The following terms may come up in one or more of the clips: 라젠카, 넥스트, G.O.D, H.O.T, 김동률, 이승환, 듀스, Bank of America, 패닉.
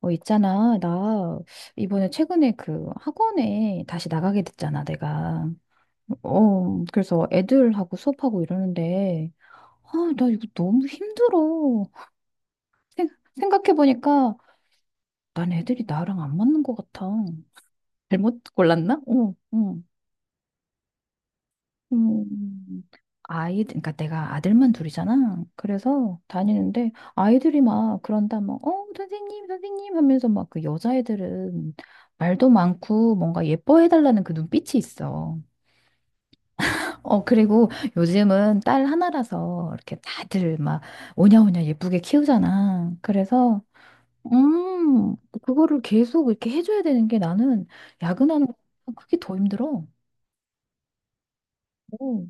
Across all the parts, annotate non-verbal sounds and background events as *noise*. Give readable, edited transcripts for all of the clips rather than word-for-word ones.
있잖아. 나 이번에 최근에 그 학원에 다시 나가게 됐잖아, 내가. 그래서 애들하고 수업하고 이러는데, 아, 나 이거 너무 힘들어. 생, 생각해보니까 난 애들이 나랑 안 맞는 것 같아. 잘못 골랐나? 음, 아이, 그러니까 내가 아들만 둘이잖아. 그래서 다니는데 아이들이 막 그런다, 막, 선생님, 선생님 하면서 막 그 여자애들은 말도 많고 뭔가 예뻐해달라는 그 눈빛이 있어. 그리고 요즘은 딸 하나라서 이렇게 다들 막 오냐오냐 예쁘게 키우잖아. 그래서, 음, 그거를 계속 이렇게 해줘야 되는 게 나는 야근하는 거 그게 더 힘들어. 어.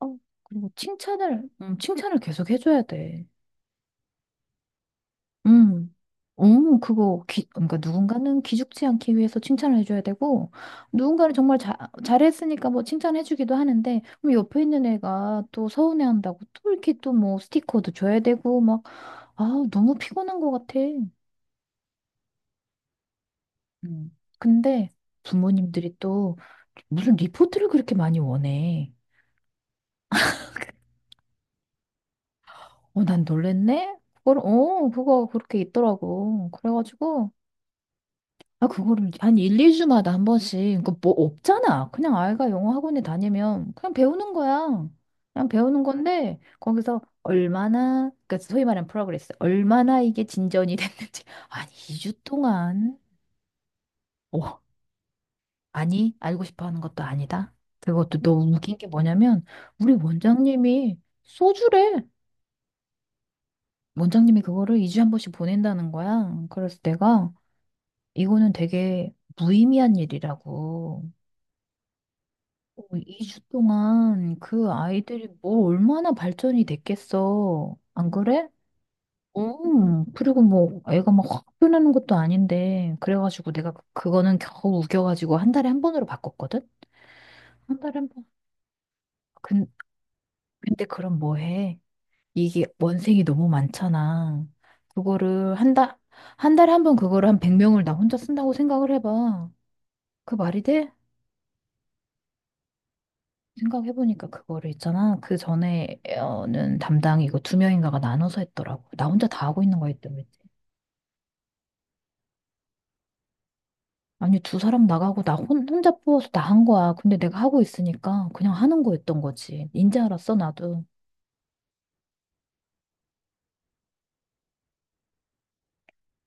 어, 그리고 칭찬을 계속 해줘야 돼. 음, 그러니까 누군가는 기죽지 않기 위해서 칭찬을 해줘야 되고, 누군가는 정말 잘했으니까 뭐 칭찬해주기도 하는데, 그럼 옆에 있는 애가 또 서운해한다고 또 이렇게 또 뭐 스티커도 줘야 되고, 막, 아, 너무 피곤한 것 같아. 근데 부모님들이 또 무슨 리포트를 그렇게 많이 원해. 난 놀랬네? 그거 그렇게 있더라고. 그래가지고, 아, 그거를 한 1, 2주마다 한 번씩. 그뭐 없잖아. 그냥 아이가 영어 학원에 다니면 그냥 배우는 거야. 그냥 배우는 건데 거기서 얼마나 그러니까 소위 말하는 프로그레스. 얼마나 이게 진전이 *laughs* 됐는지. 아니, 2주 동안 어, 아니, 알고 싶어 하는 것도 아니다. 그것도 너무 웃긴 게 뭐냐면 우리 원장님이 소주래. 원장님이 그거를 2주에 한 번씩 보낸다는 거야. 그래서 내가 이거는 되게 무의미한 일이라고. 2주 동안 그 아이들이 뭐 얼마나 발전이 됐겠어. 안 그래? 응. 그리고 뭐 애가 막 확 변하는 것도 아닌데. 그래가지고 내가 그거는 겨우 우겨가지고 한 달에 한 번으로 바꿨거든? 한 달에 한 번. 근, 근데 그럼 뭐 해? 이게 원생이 너무 많잖아. 그거를 한 달, 한 달에 한 번 그거를 한 100명을 나 혼자 쓴다고 생각을 해봐. 그 말이 돼? 생각해보니까 그거를 있잖아. 그 전에는 담당 이거 2명인가가 나눠서 했더라고. 나 혼자 다 하고 있는 거였 거지 아니, 두 사람 나가고 나 혼자 뽑아서 다 한 거야. 근데 내가 하고 있으니까 그냥 하는 거였던 거지. 인제 알았어, 나도.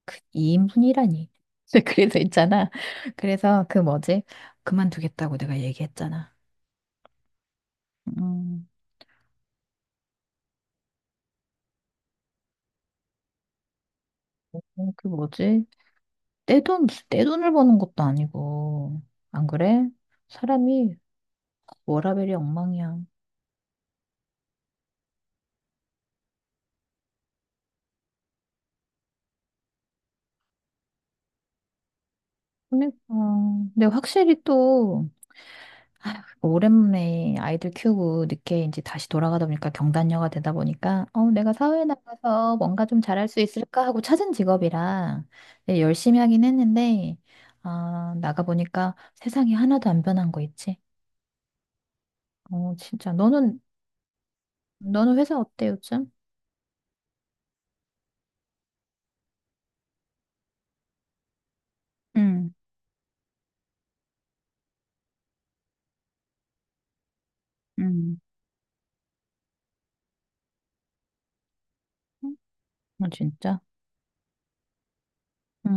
그 2인분이라니. *laughs* 그래서 있잖아. 그래서 그 뭐지? 그만두겠다고 내가 얘기했잖아. 음, 그 뭐지? 무슨 내 돈을 버는 것도 아니고. 안 그래? 사람이 워라밸이 엉망이야. 그러니까. 근데 확실히 또 오랜만에 아이들 키우고 늦게 이제 다시 돌아가다 보니까 경단녀가 되다 보니까 내가 사회에 나가서 뭔가 좀 잘할 수 있을까 하고 찾은 직업이라 네, 열심히 하긴 했는데 아 나가 보니까 세상이 하나도 안 변한 거 있지. 진짜. 너는 회사 어때 요즘? 응. 응. 어, 진짜. 응,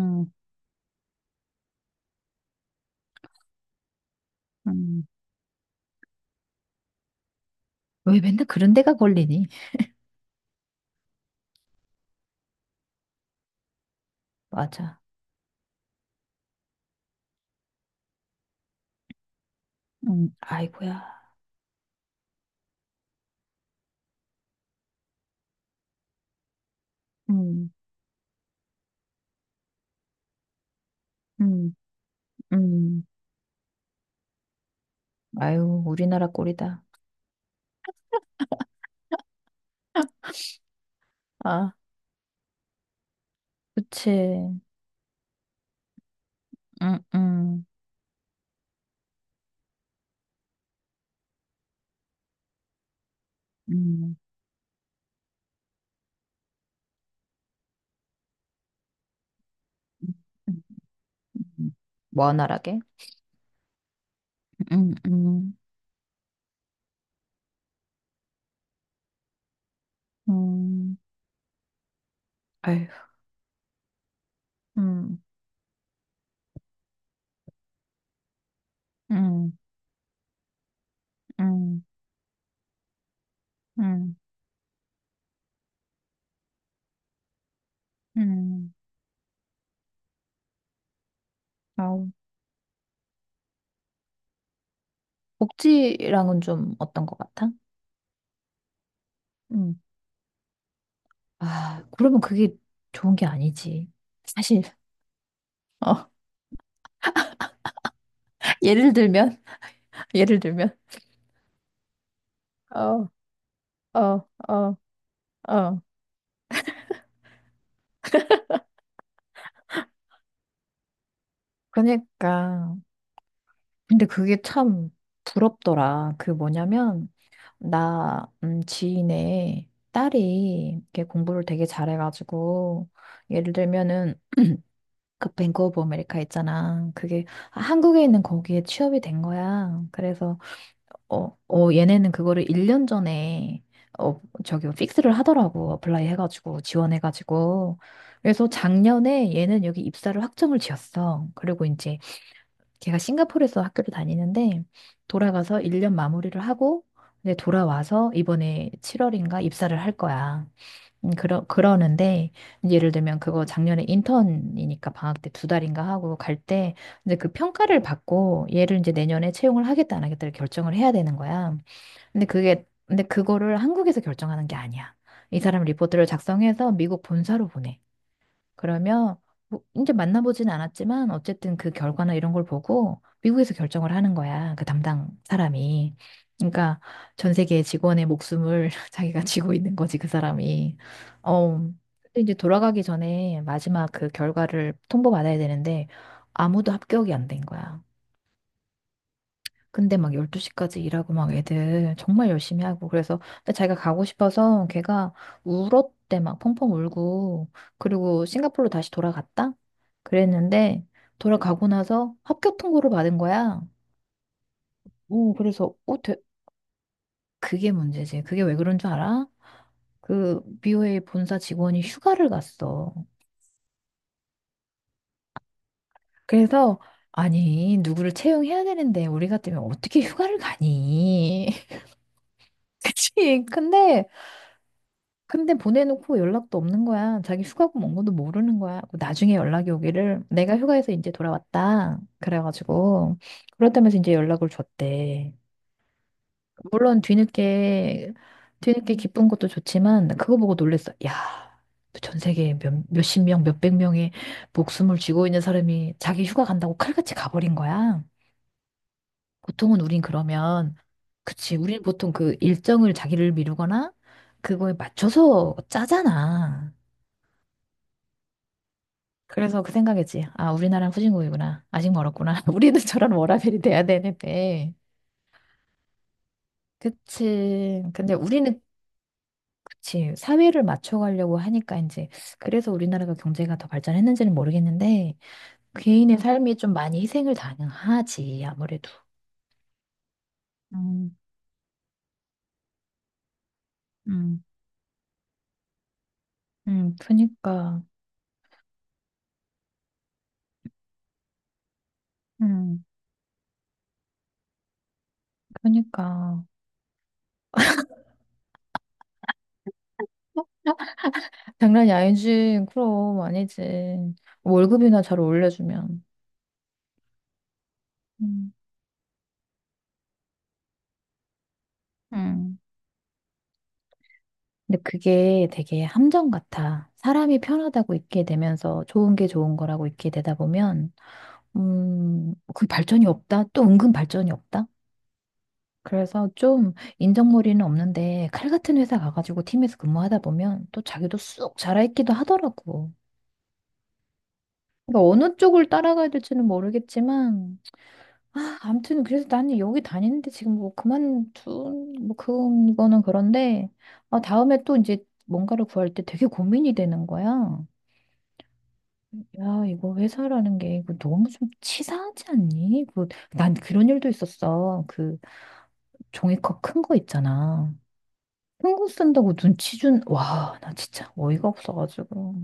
응. 왜 맨날 그런 데가 걸리니? *laughs* 맞아. 응. 아이고야. 응응응 아유, 우리나라 꼴이다. 아, 그치. 응, 응, 응. 응, 응. 원활하게? 응, 응, 응. 아유, 응, 응, 응, 응, 응. 아우, 복지랑은 좀 어떤 것 같아? 응. 아, 그러면 그게 좋은 게 아니지. 사실, 어, *laughs* 예를 들면, *laughs* 예를 들면, 어, 어, 어, 어. 그러니까. 근데 그게 참 부럽더라. 그 뭐냐면, 지인의 딸이 이렇게 공부를 되게 잘해가지고, 예를 들면은, 그 뱅크오브 아메리카 있잖아. 그게 한국에 있는 거기에 취업이 된 거야. 그래서, 얘네는 그거를 1년 전에, 저기, 뭐 픽스를 하더라고. 어플라이 해가지고, 지원해가지고. 그래서 작년에 얘는 여기 입사를 확정을 지었어. 그리고 이제 걔가 싱가포르에서 학교를 다니는데 돌아가서 1년 마무리를 하고 이제 돌아와서 이번에 7월인가 입사를 할 거야. 그러는데 예를 들면 그거 작년에 인턴이니까 방학 때 2달인가 하고 갈 때 이제 그 평가를 받고 얘를 이제 내년에 채용을 하겠다 안 하겠다를 결정을 해야 되는 거야. 근데 그거를 한국에서 결정하는 게 아니야. 이 사람 리포트를 작성해서 미국 본사로 보내. 그러면 뭐 이제 만나보진 않았지만 어쨌든 그 결과나 이런 걸 보고 미국에서 결정을 하는 거야. 그 담당 사람이. 그러니까 전 세계 직원의 목숨을 *laughs* 자기가 쥐고 있는 거지, 그 사람이. 어, 근데 이제 돌아가기 전에 마지막 그 결과를 통보받아야 되는데 아무도 합격이 안 된 거야. 근데 막 12시까지 일하고 막 애들 정말 열심히 하고 그래서 근데 자기가 가고 싶어서 걔가 울었대. 막 펑펑 울고 그리고 싱가포르로 다시 돌아갔다? 그랬는데 돌아가고 나서 합격 통보를 받은 거야. 오, 그래서 그게 문제지. 그게 왜 그런 줄 알아? 그 BOA 본사 직원이 휴가를 갔어. 그래서 아니 누구를 채용해야 되는데 우리 같으면 어떻게 휴가를 가니? *laughs* 그치? 근데 보내놓고 연락도 없는 거야. 자기 휴가고 뭔 것도 모르는 거야. 나중에 연락이 오기를 내가 휴가에서 이제 돌아왔다. 그래가지고 그렇다면서 이제 연락을 줬대. 물론 뒤늦게 기쁜 것도 좋지만 그거 보고 놀랬어. 야, 전 세계 몇십 명, 몇백 명의 목숨을 쥐고 있는 사람이 자기 휴가 간다고 칼같이 가버린 거야. 보통은 우린 그러면. 그치. 우리는 보통 그 일정을 자기를 미루거나 그거에 맞춰서 짜잖아. 그래서 그 생각했지. 아, 우리나라는 후진국이구나. 아직 멀었구나. *laughs* 우리는 저런 워라밸이 돼야 되는데. 그치. 근데 우리는, 그치. 사회를 맞춰가려고 하니까 이제, 그래서 우리나라가 경제가 더 발전했는지는 모르겠는데, 개인의 삶이 좀 많이 희생을 당하지, 아무래도. 음, 음, 그니까, 음. 그니까. *laughs* 장난이 아니지. 그럼, 아니지. 월급이나 잘 올려주면. 음. 음. 근데 그게 되게 함정 같아. 사람이 편하다고 있게 되면서 좋은 게 좋은 거라고 있게 되다 보면, 그 발전이 없다. 또 은근 발전이 없다. 그래서 좀 인정머리는 없는데 칼 같은 회사 가가지고 팀에서 근무하다 보면 또 자기도 쑥 자라있기도 하더라고. 그러니까 어느 쪽을 따라가야 될지는 모르겠지만, 아, 아무튼 그래서 나는 여기 다니는데 지금 뭐 그거는 그런데, 아, 다음에 또 이제 뭔가를 구할 때 되게 고민이 되는 거야. 야, 이거 회사라는 게 이거 너무 좀 치사하지 않니? 난 그런 일도 있었어. 그 종이컵 큰 거 있잖아. 큰 거 쓴다고 눈치 준, 와, 나 진짜 어이가 없어가지고.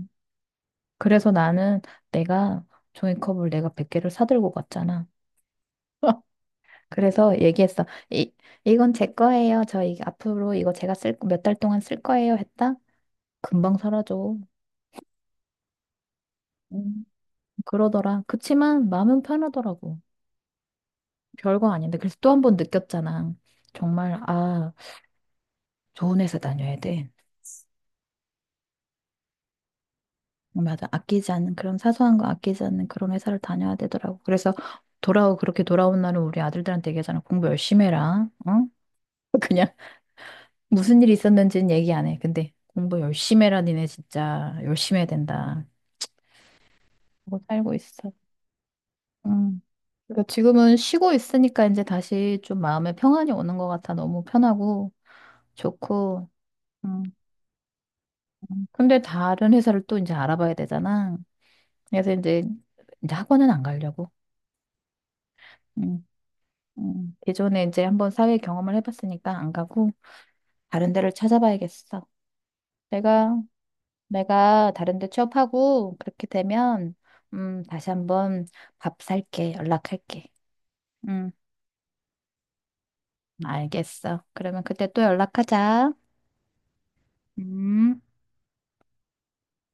그래서 나는 내가 종이컵을 내가 100개를 사들고 갔잖아. *laughs* 그래서 얘기했어. 이건 제 거예요. 앞으로 이거 제가 쓸, 몇 달 동안 쓸 거예요. 했다? 금방 사라져. 음, 그러더라. 그치만 마음은 편하더라고. 별거 아닌데 그래서 또 한 번 느꼈잖아. 정말 아, 좋은 회사 다녀야 돼. 맞아, 아끼지 않는 그런 사소한 거 아끼지 않는 그런 회사를 다녀야 되더라고. 그래서 돌아오 그렇게 돌아온 날은 우리 아들들한테 얘기하잖아. 공부 열심히 해라. 어? *laughs* 그냥 무슨 일이 있었는지는 얘기 안 해. 근데 공부 열심히 해라. 니네 진짜 열심히 해야 된다. 하고 살고 있어. 음. 그러니까 지금은 쉬고 있으니까 이제 다시 좀 마음에 평안이 오는 것 같아. 너무 편하고 좋고. 음. 근데 다른 회사를 또 이제 알아봐야 되잖아. 그래서 이제 학원은 안 가려고. 음, 예전에 이제 한번 사회 경험을 해봤으니까 안 가고 다른 데를 찾아봐야겠어. 내가, 내가 다른 데 취업하고 그렇게 되면, 다시 한번 밥 살게. 연락할게. 음, 알겠어. 그러면 그때 또 연락하자. 음.